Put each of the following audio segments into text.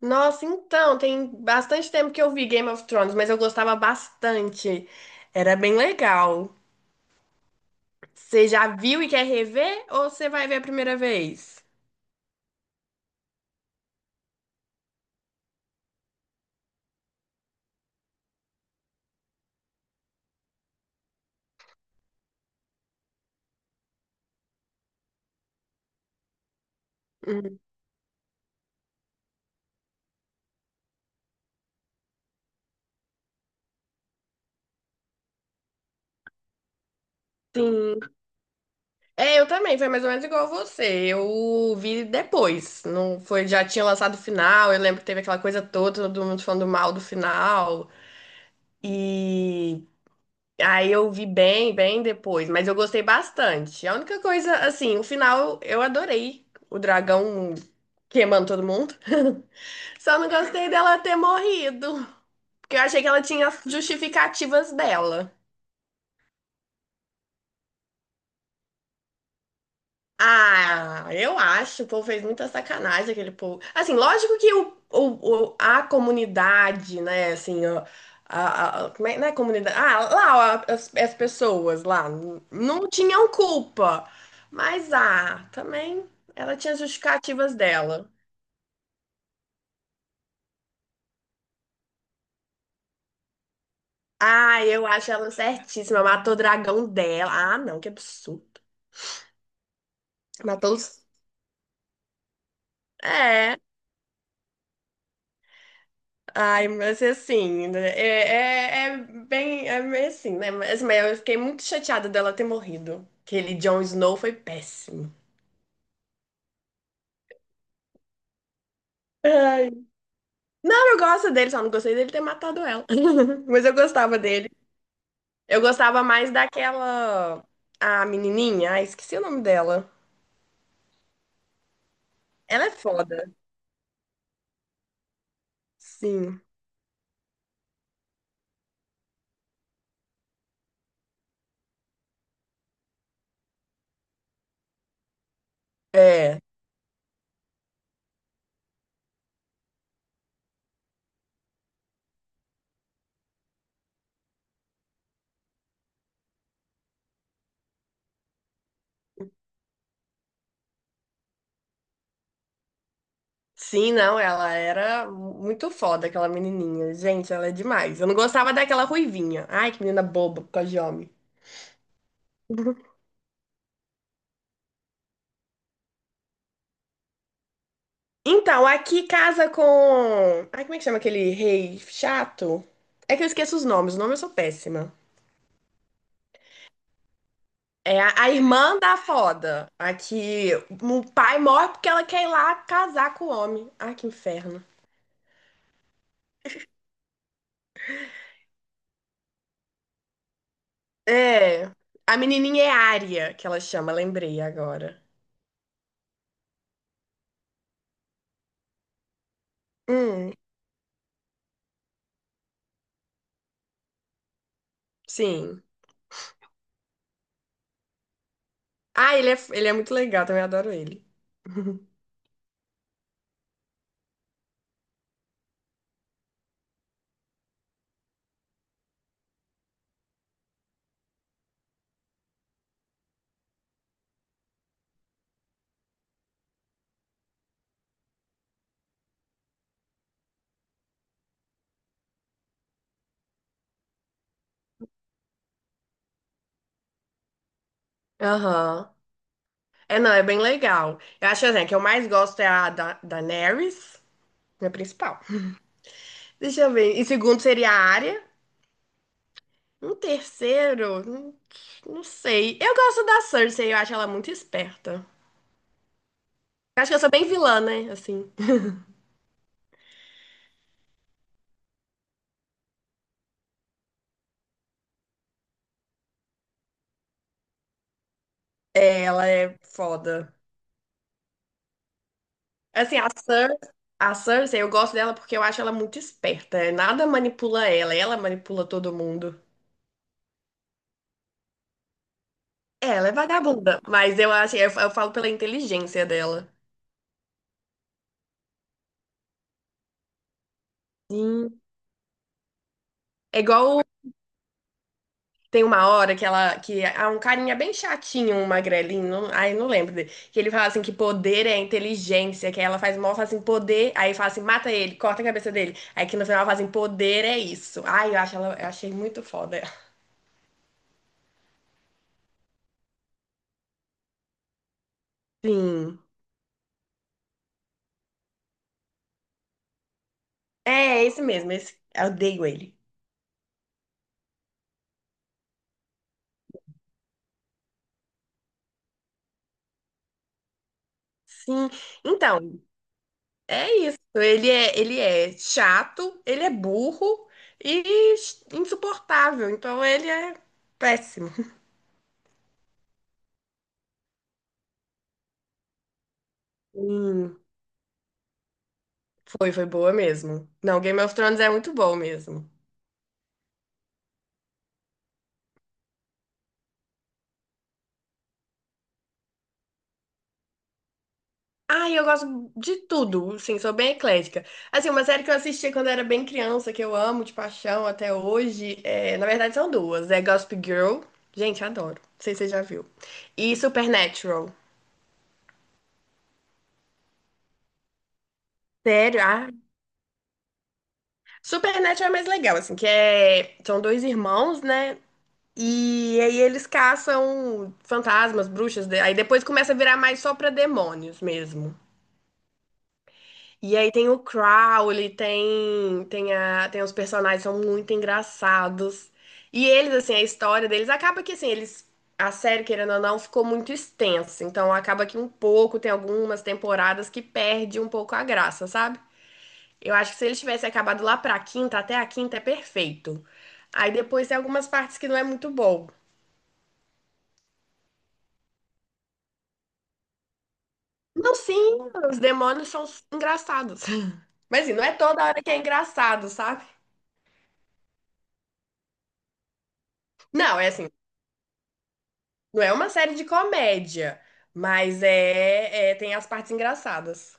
Nossa, então, tem bastante tempo que eu vi Game of Thrones, mas eu gostava bastante. Era bem legal. Você já viu e quer rever ou você vai ver a primeira vez? Hum. Sim. É, eu também, foi mais ou menos igual você. Eu vi depois, não foi, já tinha lançado o final, eu lembro que teve aquela coisa toda, todo mundo falando mal do final. E Aí eu vi bem depois, mas eu gostei bastante. A única coisa, assim, o final eu adorei. O dragão queimando todo mundo. Só não gostei dela ter morrido, porque eu achei que ela tinha as justificativas dela. Ah, eu acho, o povo fez muita sacanagem aquele povo. Assim, lógico que a comunidade, né, assim, ó, como é, não é comunidade, lá, ó, as pessoas lá, não tinham culpa, mas, também, ela tinha justificativas dela. Ah, eu acho ela certíssima, matou o dragão dela, ah, não, que absurdo. Matou os... É. Ai, mas assim, né, é bem, é meio assim, né? Mas, assim, mas eu fiquei muito chateada dela ter morrido. Aquele Jon Snow foi péssimo. Ai. Não, eu gosto dele, só não gostei dele ter matado ela. Mas eu gostava dele. Eu gostava mais daquela. A menininha, ai, esqueci o nome dela. Ela é foda. Sim. É. Sim, não, ela era muito foda, aquela menininha. Gente, ela é demais. Eu não gostava daquela ruivinha. Ai, que menina boba, por causa de homem. Então, aqui casa com. Ai, como é que chama aquele rei chato? É que eu esqueço os nomes, o nome eu sou péssima. É a irmã da foda. Aqui, o pai morre porque ela quer ir lá casar com o homem. Ai, que inferno. É. A menininha é Ária, que ela chama, lembrei agora. Hum, sim. Ele é muito legal, também adoro ele. Aham. É, não, é bem legal. Eu acho assim, a que eu mais gosto é a da Daenerys, minha principal. Deixa eu ver. E segundo seria a área. Um terceiro, não sei. Eu gosto da Cersei, eu acho ela muito esperta. Eu acho que eu sou bem vilã, né? Assim. É, ela é foda. Assim, a Cersei, eu gosto dela porque eu acho ela muito esperta. É, nada manipula ela, ela manipula todo mundo. É, ela é vagabunda, mas eu falo pela inteligência dela. Sim. É igual. Tem uma hora que ela, que há um carinha bem chatinho, um magrelinho, ai, não lembro dele, que ele fala assim que poder é inteligência, que aí ela faz mal, fala assim, poder, aí fala assim, mata ele, corta a cabeça dele. Aí que no final ela fala assim, poder é isso. Ai, eu achei muito foda ela. Sim. É, esse mesmo, esse, eu odeio ele. Sim. Então, é isso. Ele é chato, ele é burro e insuportável. Então ele é péssimo. Sim. Foi, foi boa mesmo. Não, Game of Thrones é muito bom mesmo. Ai, eu gosto de tudo, sim, sou bem eclética. Assim, uma série que eu assisti quando era bem criança, que eu amo de paixão até hoje, é, na verdade são duas, é Gossip Girl, gente, adoro, não sei se você já viu, e Supernatural. Sério? Ah, Supernatural é mais legal, assim, que é... São dois irmãos, né? E aí eles caçam fantasmas, bruxas, aí depois começa a virar mais só pra demônios mesmo. E aí tem o Crowley, tem os personagens, são muito engraçados. E eles, assim, a história deles acaba que, assim, eles. A série, querendo ou não, ficou muito extensa. Então acaba que um pouco, tem algumas temporadas que perde um pouco a graça, sabe? Eu acho que se eles tivessem acabado lá pra quinta, até a quinta é perfeito. Aí depois tem algumas partes que não é muito bom. Não, sim, os demônios são engraçados. Mas assim, não é toda hora que é engraçado, sabe? Não, é assim, não é uma série de comédia, mas tem as partes engraçadas.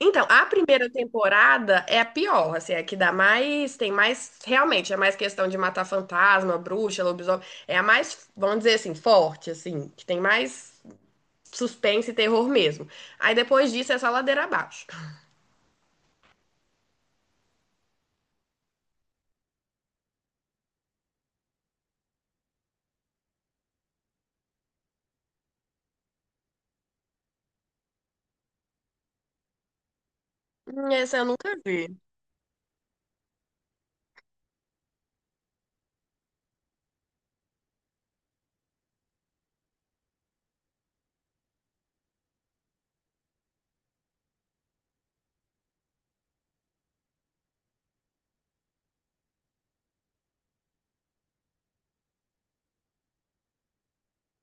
Então, a primeira temporada é a pior, assim, é que dá mais, tem mais, realmente, é mais questão de matar fantasma, bruxa, lobisomem, é a mais, vamos dizer assim, forte, assim, que tem mais suspense e terror mesmo. Aí depois disso é só ladeira abaixo. Essa eu nunca vi.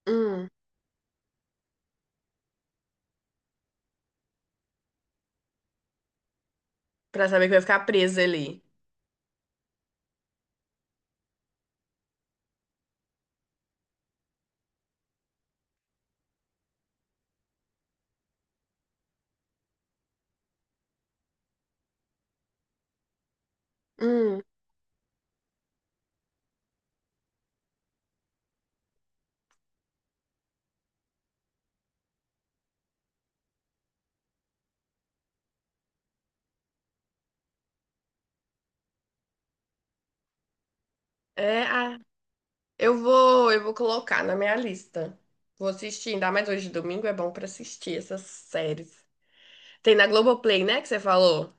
Hum, pra saber que eu ia ficar presa ali. Hum, é, ah, eu vou colocar na minha lista. Vou assistir, ainda mais hoje domingo é bom pra assistir essas séries. Tem na Globoplay, né, que você falou?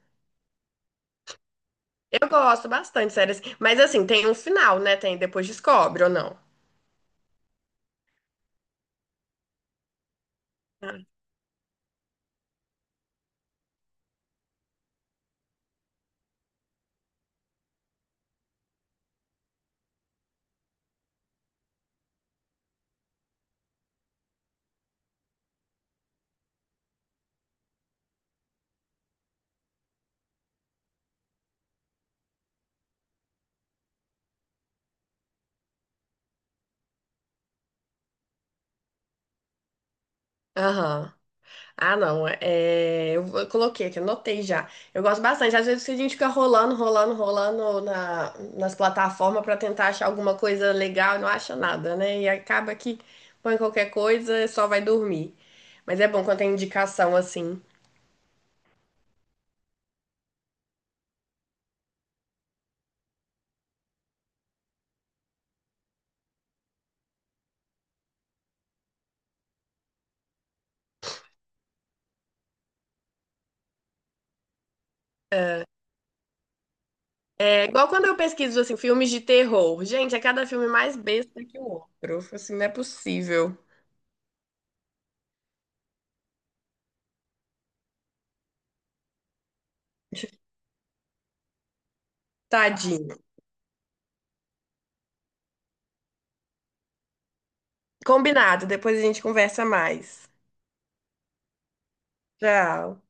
Eu gosto bastante de séries, mas assim, tem um final, né? Tem depois descobre ou não? Aham. Ah, não, é, é, eu vou- eu coloquei aqui, anotei já. Eu gosto bastante. Às vezes a gente fica rolando na, nas plataformas pra tentar achar alguma coisa legal e não acha nada, né? E acaba que põe qualquer coisa e só vai dormir. Mas é bom quando tem indicação assim. É igual quando eu pesquiso assim, filmes de terror. Gente, é cada filme mais besta que o outro. Eu falo assim, não é possível. Tadinho. Combinado, depois a gente conversa mais. Tchau.